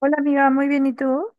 Hola amiga, muy bien, ¿y tú?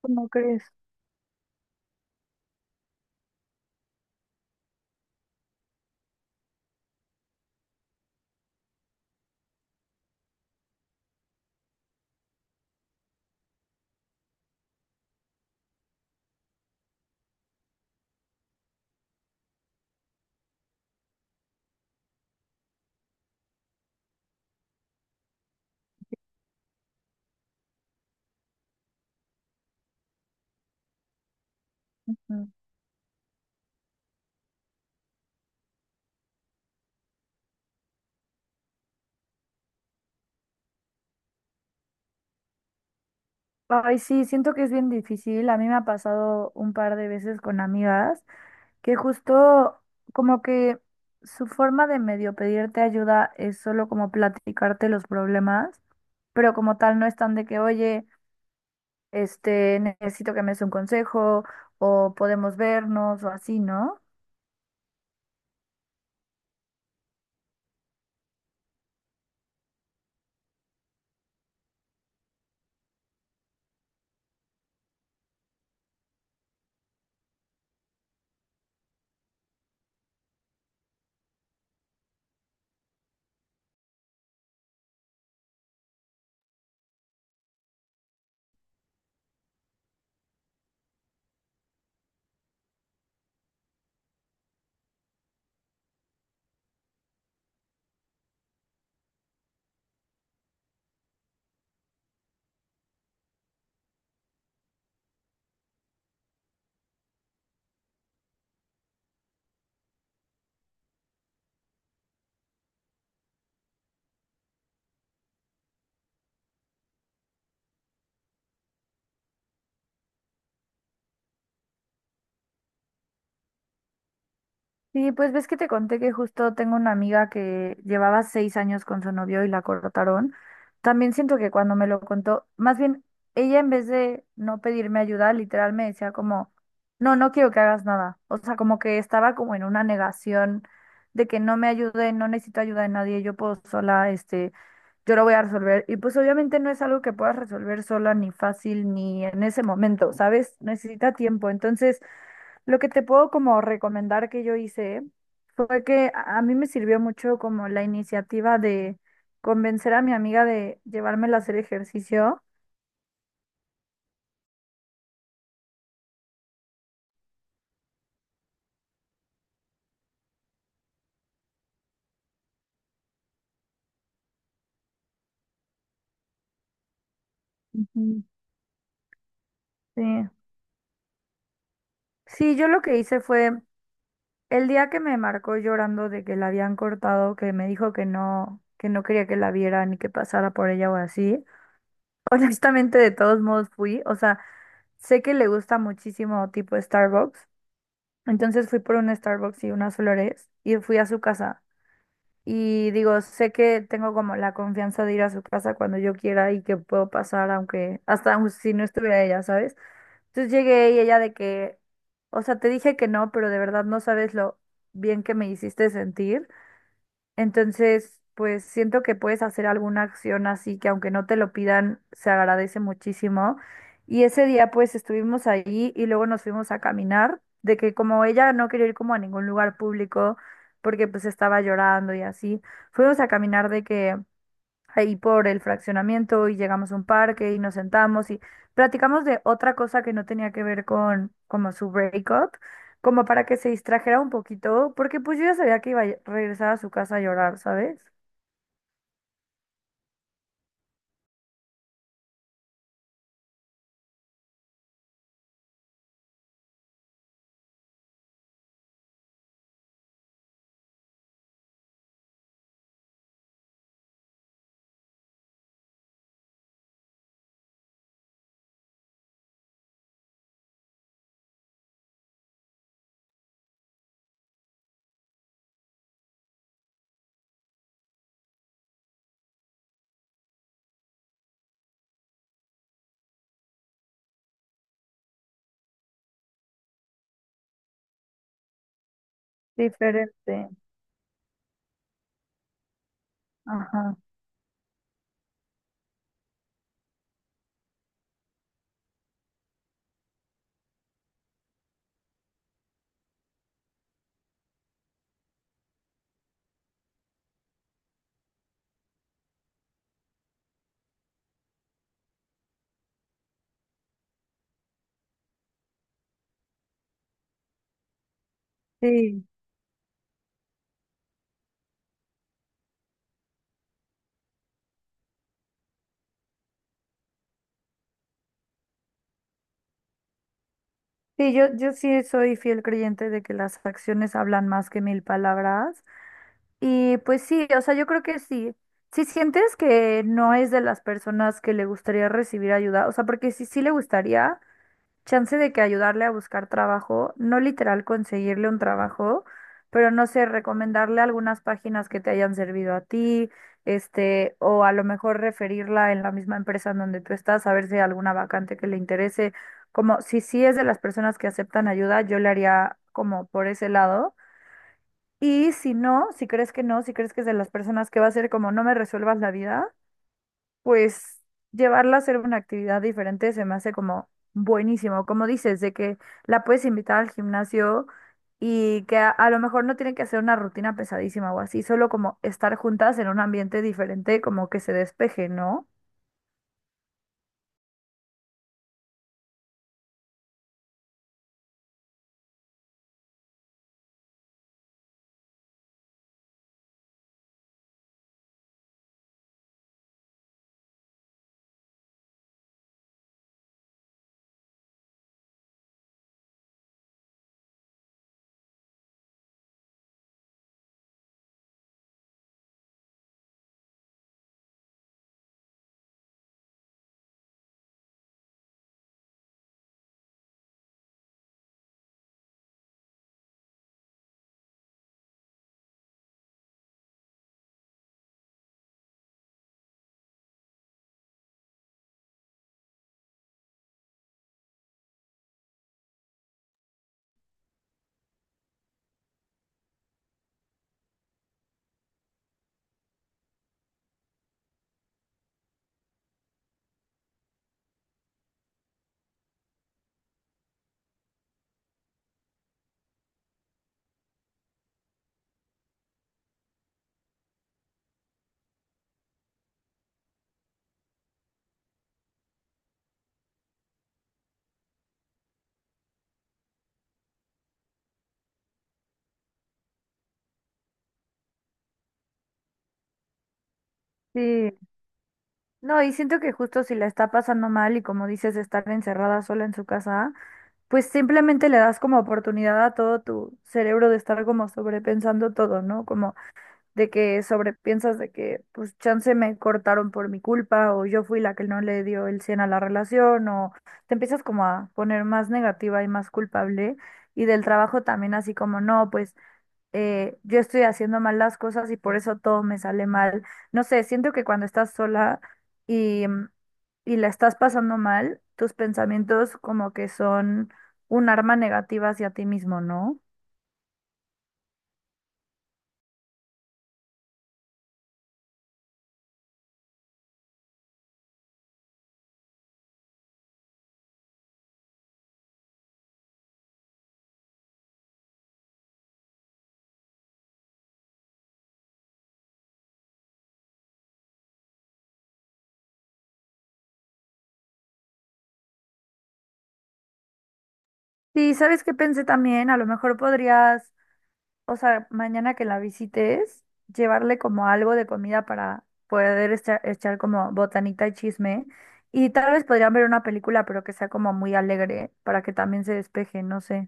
¿Cómo crees? Mm. Ay, sí, siento que es bien difícil. A mí me ha pasado un par de veces con amigas que justo como que su forma de medio pedirte ayuda es solo como platicarte los problemas, pero como tal no están de que, oye, necesito que me des un consejo o podemos vernos o así, ¿no? Sí, pues ves que te conté que justo tengo una amiga que llevaba 6 años con su novio y la cortaron. También siento que cuando me lo contó, más bien ella en vez de no pedirme ayuda, literal me decía como, no, no quiero que hagas nada. O sea, como que estaba como en una negación de que no me ayude, no necesito ayuda de nadie, yo puedo sola, yo lo voy a resolver. Y pues obviamente no es algo que puedas resolver sola, ni fácil, ni en ese momento, ¿sabes? Necesita tiempo. Entonces lo que te puedo como recomendar que yo hice fue que a mí me sirvió mucho como la iniciativa de convencer a mi amiga de llevármela a hacer ejercicio. Ujú. Sí. Sí, yo lo que hice fue el día que me marcó llorando de que la habían cortado, que me dijo que no quería que la viera ni que pasara por ella o así. Honestamente, de todos modos fui, o sea, sé que le gusta muchísimo tipo Starbucks, entonces fui por un Starbucks y unas flores y fui a su casa. Y digo, sé que tengo como la confianza de ir a su casa cuando yo quiera y que puedo pasar, aunque hasta aun si no estuviera ella, ¿sabes? Entonces llegué y ella de que, o sea, te dije que no, pero de verdad no sabes lo bien que me hiciste sentir. Entonces, pues siento que puedes hacer alguna acción así que aunque no te lo pidan, se agradece muchísimo. Y ese día pues estuvimos ahí y luego nos fuimos a caminar, de que como ella no quería ir como a ningún lugar público porque pues estaba llorando y así, fuimos a caminar de que ahí por el fraccionamiento y llegamos a un parque y nos sentamos y platicamos de otra cosa que no tenía que ver con como su breakup, como para que se distrajera un poquito, porque pues yo ya sabía que iba a regresar a su casa a llorar, ¿sabes? Diferente. Ajá. Sí. Sí, yo sí soy fiel creyente de que las acciones hablan más que mil palabras. Y pues sí, o sea, yo creo que sí. Si sientes que no es de las personas que le gustaría recibir ayuda, o sea, porque si sí le gustaría, chance de que ayudarle a buscar trabajo, no literal conseguirle un trabajo, pero no sé, recomendarle algunas páginas que te hayan servido a ti, o a lo mejor referirla en la misma empresa en donde tú estás, a ver si hay alguna vacante que le interese. Como si sí es de las personas que aceptan ayuda, yo le haría como por ese lado. Y si no, si crees que no, si crees que es de las personas que va a ser como no me resuelvas la vida, pues llevarla a hacer una actividad diferente se me hace como buenísimo, como dices, de que la puedes invitar al gimnasio y que a lo mejor no tienen que hacer una rutina pesadísima o así, solo como estar juntas en un ambiente diferente, como que se despeje, ¿no? Sí, no, y siento que justo si la está pasando mal y como dices, estar encerrada sola en su casa, pues simplemente le das como oportunidad a todo tu cerebro de estar como sobrepensando todo, ¿no? Como de que sobrepiensas de que, pues, chance me cortaron por mi culpa o yo fui la que no le dio el 100 a la relación o te empiezas como a poner más negativa y más culpable y del trabajo también así como, no, pues, yo estoy haciendo mal las cosas y por eso todo me sale mal. No sé, siento que cuando estás sola y y la estás pasando mal, tus pensamientos como que son un arma negativa hacia ti mismo, ¿no? Sí, ¿sabes qué pensé también? A lo mejor podrías, o sea, mañana que la visites, llevarle como algo de comida para poder echar como botanita y chisme. Y tal vez podrían ver una película, pero que sea como muy alegre para que también se despeje, no sé.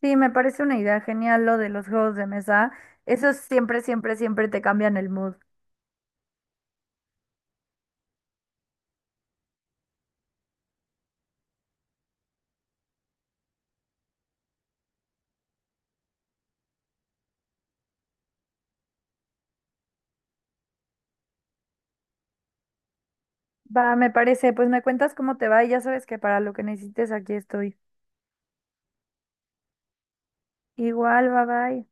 Sí, me parece una idea genial lo de los juegos de mesa. Eso siempre, siempre, siempre te cambian el mood. Va, me parece, pues me cuentas cómo te va y ya sabes que para lo que necesites aquí estoy. Igual, bye bye.